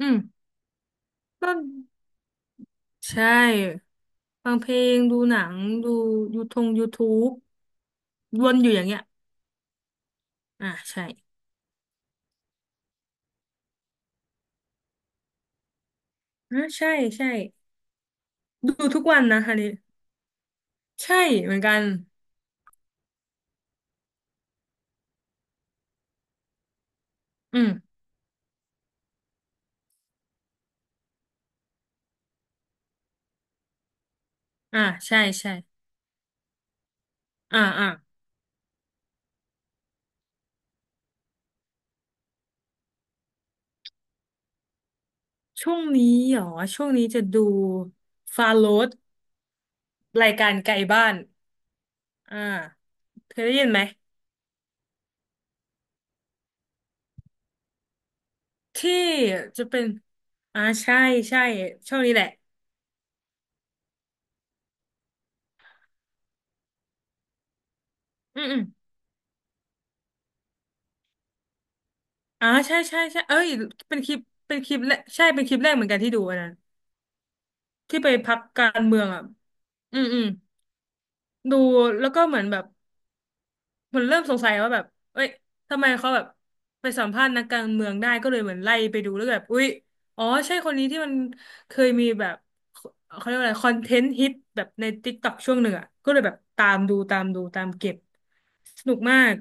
อืมก็ใช่ฟังเพลงดูหนังดูยูทงยูทูบวนอยู่อย่างเงี้ยอ่ะใช่อ่ะใช่ใช่ดูทุกวันนะคันนี้ใช่เหมือนกันอืมอ่ะใช่ใช่อ่ะอ่ะช่วงนี้เหรอช่วงนี้จะดูฟาโรสรายการไกลบ้านอ่าเคยได้ยินไหมที่จะเป็นอ่าใช่ใช่ช่วงนี้แหละอืมอืมอาใช่ใช่ใช่เอ้ยเป็นคลิปเป็นคลิปแรกใช่เป็นคลิปแรกเหมือนกันที่ดูอันนั้น ที่ไปพรรคการเมืองอ่ะอืมอืมดูแล้วก็เหมือนแบบมันเริ่มสงสัยว่าแบบเอ้ยทำไมเขาแบบไปสัมภาษณ์นักการเมืองได้ก็เลยเหมือนไล่ไปดูแล้วแบบอุ๊ยอ๋อใช่คนนี้ที่มันเคยมีแบบเขาเรียกว่าอะไรคอนเทนต์ฮิตแบบใน TikTok ช่วงหนึ่งอ่ะก็เลยแบบตามดูตามดูตามเก็บสนุกมาก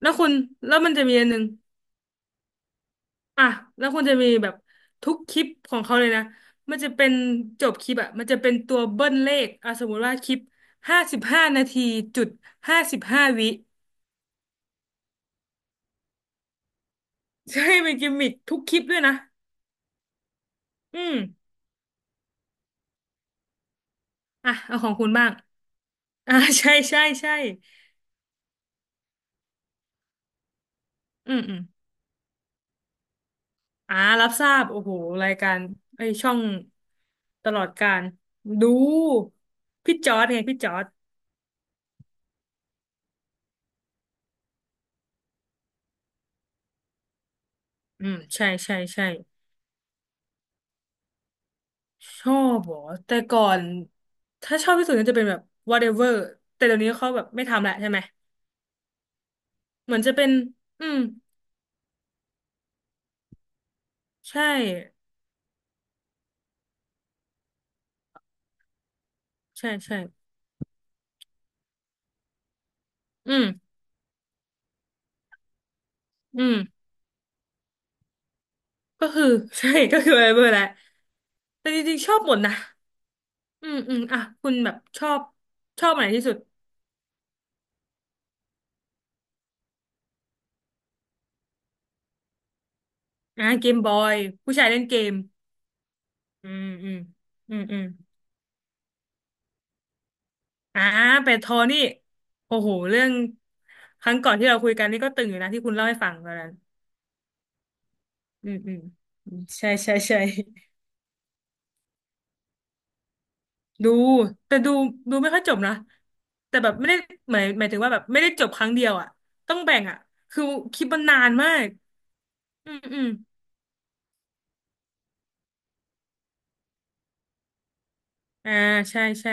แล้วคุณแล้วมันจะมีอันหนึ่ง อ่ะแล้วคุณจะมีแบบทุกคลิปของเขาเลยนะมันจะเป็นจบคลิปอะมันจะเป็นตัวเบิ้ลเลขอ่ะสมมุติว่าคลิป55 นาทีจุด55 วิใช่เป็นกิมมิคทุกคลิปด้วยนะอืมอ่ะเอาของคุณบ้างอ่ะ ใช่ใช่ใช่อืมอืมอ่ารับทราบโอ้โหรายการไอยช่องตลอดการดูพี่จอร์ดไงพี่จอร์ดอืมใช่ใช่ใช่ ชอบเหรอแต่ก่อนถ้าชอบที่สุดก็จะเป็นแบบ whatever แต่เดี๋ยวนี้เขาแบบไม่ทำละใช่ไหมเหมือนจะเป็นอืมใช่ใช่ใช่อืมอืมก็คือ ใช่ก็คือ whatever แหละแต่จริงๆชอบหมดนะอืมอืมอ่ะคุณแบบชอบอันไหนที่สุดอ่ะเกมบอยผู้ชายเล่นเกมอืมอืมอืมอืมอ่าเป็ดทอนี่โอ้โหเรื่องครั้งก่อนที่เราคุยกันนี่ก็ตึงอยู่นะที่คุณเล่าให้ฟังตอนนั้น อืมอืมอืมใช่ใช่ใช่ดูแต่ดูดูไม่ค่อยจบนะแต่แบบไม่ได้หมายถึงว่าแบบไม่ได้จบครั้งเดียวอ่ะต้องแบ่งอ่ะคือคลิปมันนานมากอืมอืมอ่าใช่ใช่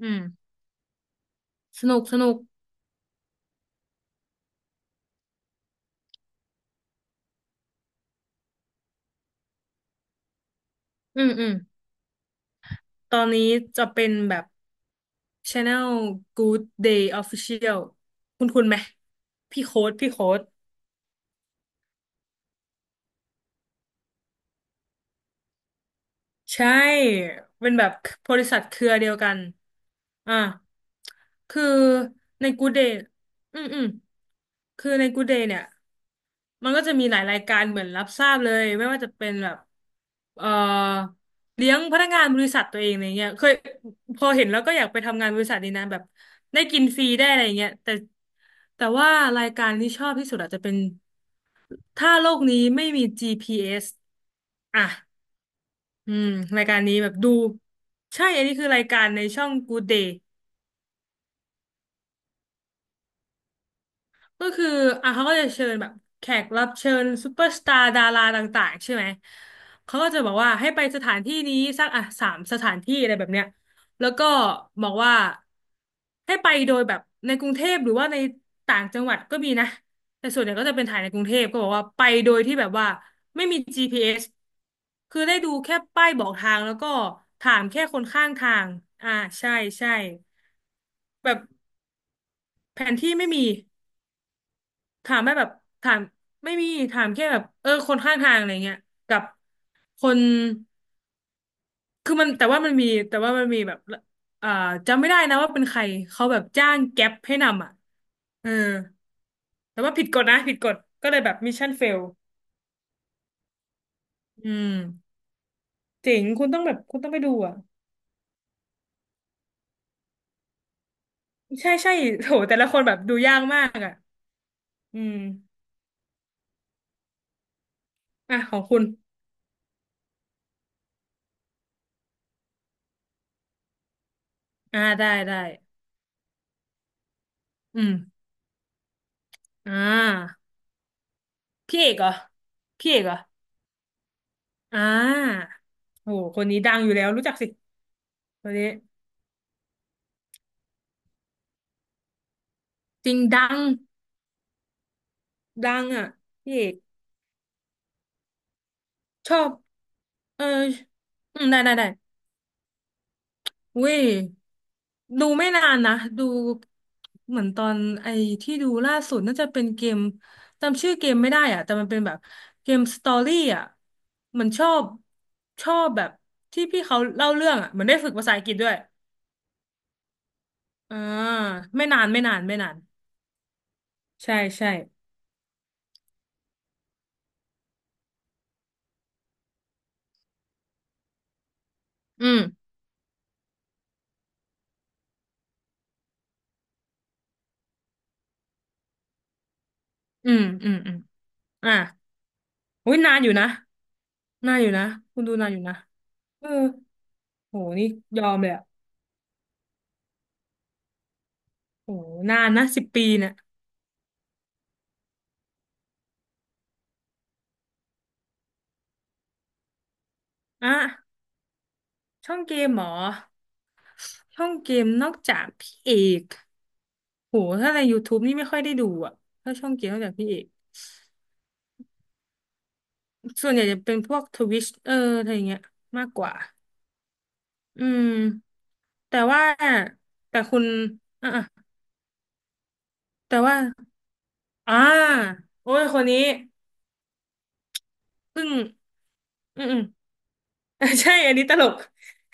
อืมสนุกสนุกอืมอืมตอนนี้จะเป็นแบบ Channel Good Day Official คุณไหมพี่โค้ดพี่โค้ด ใช่ เป็นแบบบริษัทเครือเดียวกันอ่าคือในกูเดย์อืมอืมคือในกูเดย์เนี่ยมันก็จะมีหลายรายการเหมือนรับทราบเลยไม่ว่าจะเป็นแบบเอ่อเลี้ยงพนักงานบริษัทตัวเองอะไรเงี้ยเคยพอเห็นแล้วก็อยากไปทำงานบริษัทดีนะแบบได้กินฟรีได้อะไรเงี้ยแต่แต่ว่ารายการที่ชอบที่สุดอาจจะเป็นถ้าโลกนี้ไม่มี GPS อสอ่ะ อืมรายการนี้แบบดูใช่อันนี้คือรายการในช่อง Good Day ก็คืออ่ะเขาก็จะเชิญแบบแขกรับเชิญซูเปอร์สตาร์ดาราต่างๆใช่ไหมเขาก็จะบอกว่าให้ไปสถานที่นี้สักอ่ะสามสถานที่อะไรแบบเนี้ยแล้วก็บอกว่าให้ไปโดยแบบในกรุงเทพหรือว่าในต่างจังหวัดก็มีนะแต่ส่วนใหญ่ก็จะเป็นถ่ายในกรุงเทพก็บอกว่าไปโดยที่แบบว่าไม่มี GPS คือได้ดูแค่ป้ายบอกทางแล้วก็ถามแค่คนข้างทางอ่าใช่ใช่แบบแผนที่ไม่มี ถามไม่แบบถามไม่มีถามแค่แบบเออคนข้างทางอะไรเงี้ยกับคนคือมันแต่ว่ามันมีแบบอ่าจำไม่ได้นะว่าเป็นใครเขาแบบจ้างแก๊ปให้นำอ่ะเออแต่ว่าผิดกฎนะผิดกฎก็เลยแบบมิชชั่นเฟลอืมเจ๋งคุณต้องแบบคุณต้องไปดูอ่ะใช่ใช่โหแต่ละคนแบบดูยากมากอ่ะอืมอ่ะของคุณอ่าได้ได้อืมอ่าพี่เอกเหรอพี่เอกเหรอ อ่าโหคนนี้ดังอยู่แล้วรู้จักสิคนนี้จริงดังดังอ่ะพี่เอกชอบเอออืมได้ได้ได้อุ้ยดูไม่นานนะดูเหมือนตอนไอ้ที่ดูล่าสุดน่าจะเป็นเกมจำชื่อเกมไม่ได้อ่ะแต่มันเป็นแบบเกมสตอรี่อ่ะเหมันชอบแบบที่พี่เขาเล่าเรื่องอ่ะเหมือนได้ฝึกภาษาอังกฤษด้วยอ่าไม่นานไม่นานไม่นานใช่ใช่อืมอืมอืมอืม อ่ะอุ้ยนานอยู่นะนานอยู่นะคุณดูนานอยู่นะเออโหนี่ยอมเลยอ่ะโหนานนะ10 ปีเนี่ยอ่ะช่องเกมเหรอช่องเกมนอกจากพี่เอกโหถ้าใน YouTube นี่ไม่ค่อยได้ดูอ่ะถ้าช่องเกมนอกจากพี่เอกส่วนใหญ่จะเป็นพวกทวิชเอออะไรอย่างเงี้ยมากกว่าอืมแต่ว่าแต่คุณอ่ะอ่ะแต่ว่าอ่าโอ้ยคนนี้เพิ่งอืมอืม ใช่อันนี้ตลก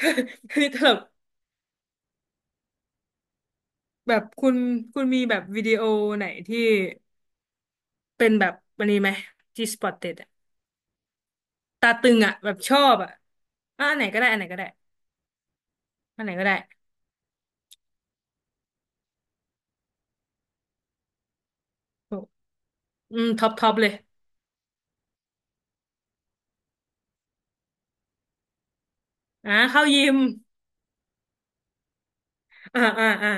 อันนี้ตลก แบบคุณคุณมีแบบวิดีโอไหนที่เป็นแบบวันนี้ไหมที่สปอตเ e ็ดอะตาตึงอะแบบชอบอะอ่ะอันไหนก็ได้อันไหนก็ได้อันไหนก็ได้โหอืมท็อปท็อปเลยอ่ะเข้ายิมอ่าอ่าอ่า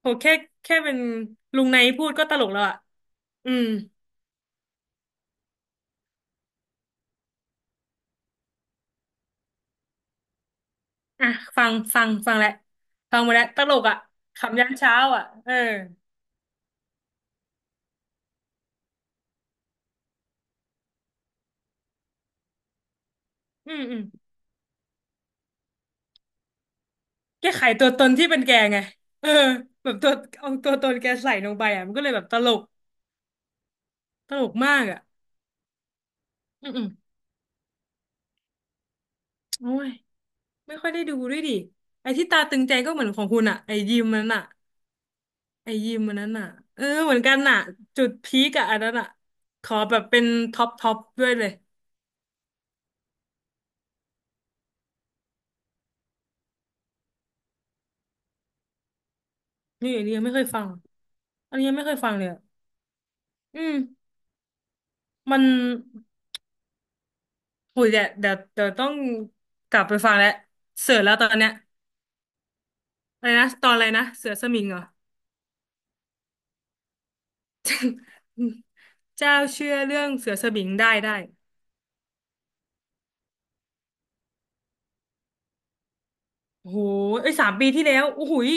โหแค่เป็นลุงไนพูดก็ตลกแล้วอ่ะอืมอ่ะฟังฟังฟังแล้วฟังหมาแล้วตลกอะขำยันเช้าอะเอออืมอืมแกไขตัวตนที่เป็นแกไงเออแบบตัวเอาตัวตนแกใส่ลงไปอ่ะมันก็เลยแบบตลกตลกมากอ่ะ อืมอืมโอ้ยไม่ค่อยได้ดูด้วยดิไอ้ที่ตาตึงใจก็เหมือนของคุณอะไอ้ยิมมันนั้นอะเออเหมือนกันอะจุดพีกอะอันนั้นอะขอแบบเป็นท็อปท็อปด้วยเลย นี่อันนี้ยังไม่เคยฟังอันนี้ยังไม่เคยฟังเลยอะอืมมันโหยเดี๋ยวต้องกลับไปฟังแล้วเสือแล้วตอนเนี้ยอะไรนะตอนอะไรนะ เสือสมิงเหรออืมเจ้าเชื่อเรื่องเสือสมิงได้ได้โอ้โหไอ้ย3 ปีที่แล้วโอ้โหย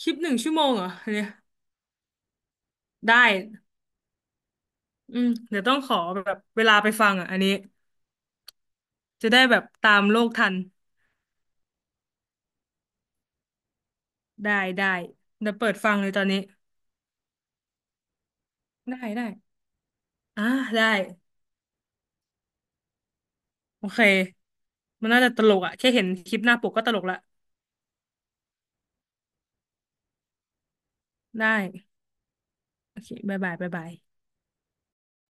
คลิปหนึ่งชั่วโมงเหรอเนี่ยได้ อืมเดี๋ยวต้องขอแบบเวลาไปฟังอ่ะอันนี้จะได้แบบตามโลกทันได้ได้เดี๋ยวเปิดฟังเลยตอนนี้ได้ได้อ่าได้โอเคมันน่าจะตลกอ่ะแค่เห็นคลิปหน้าปกก็ตลกละได้โอเคบ๊ายบายบ๊ายบาย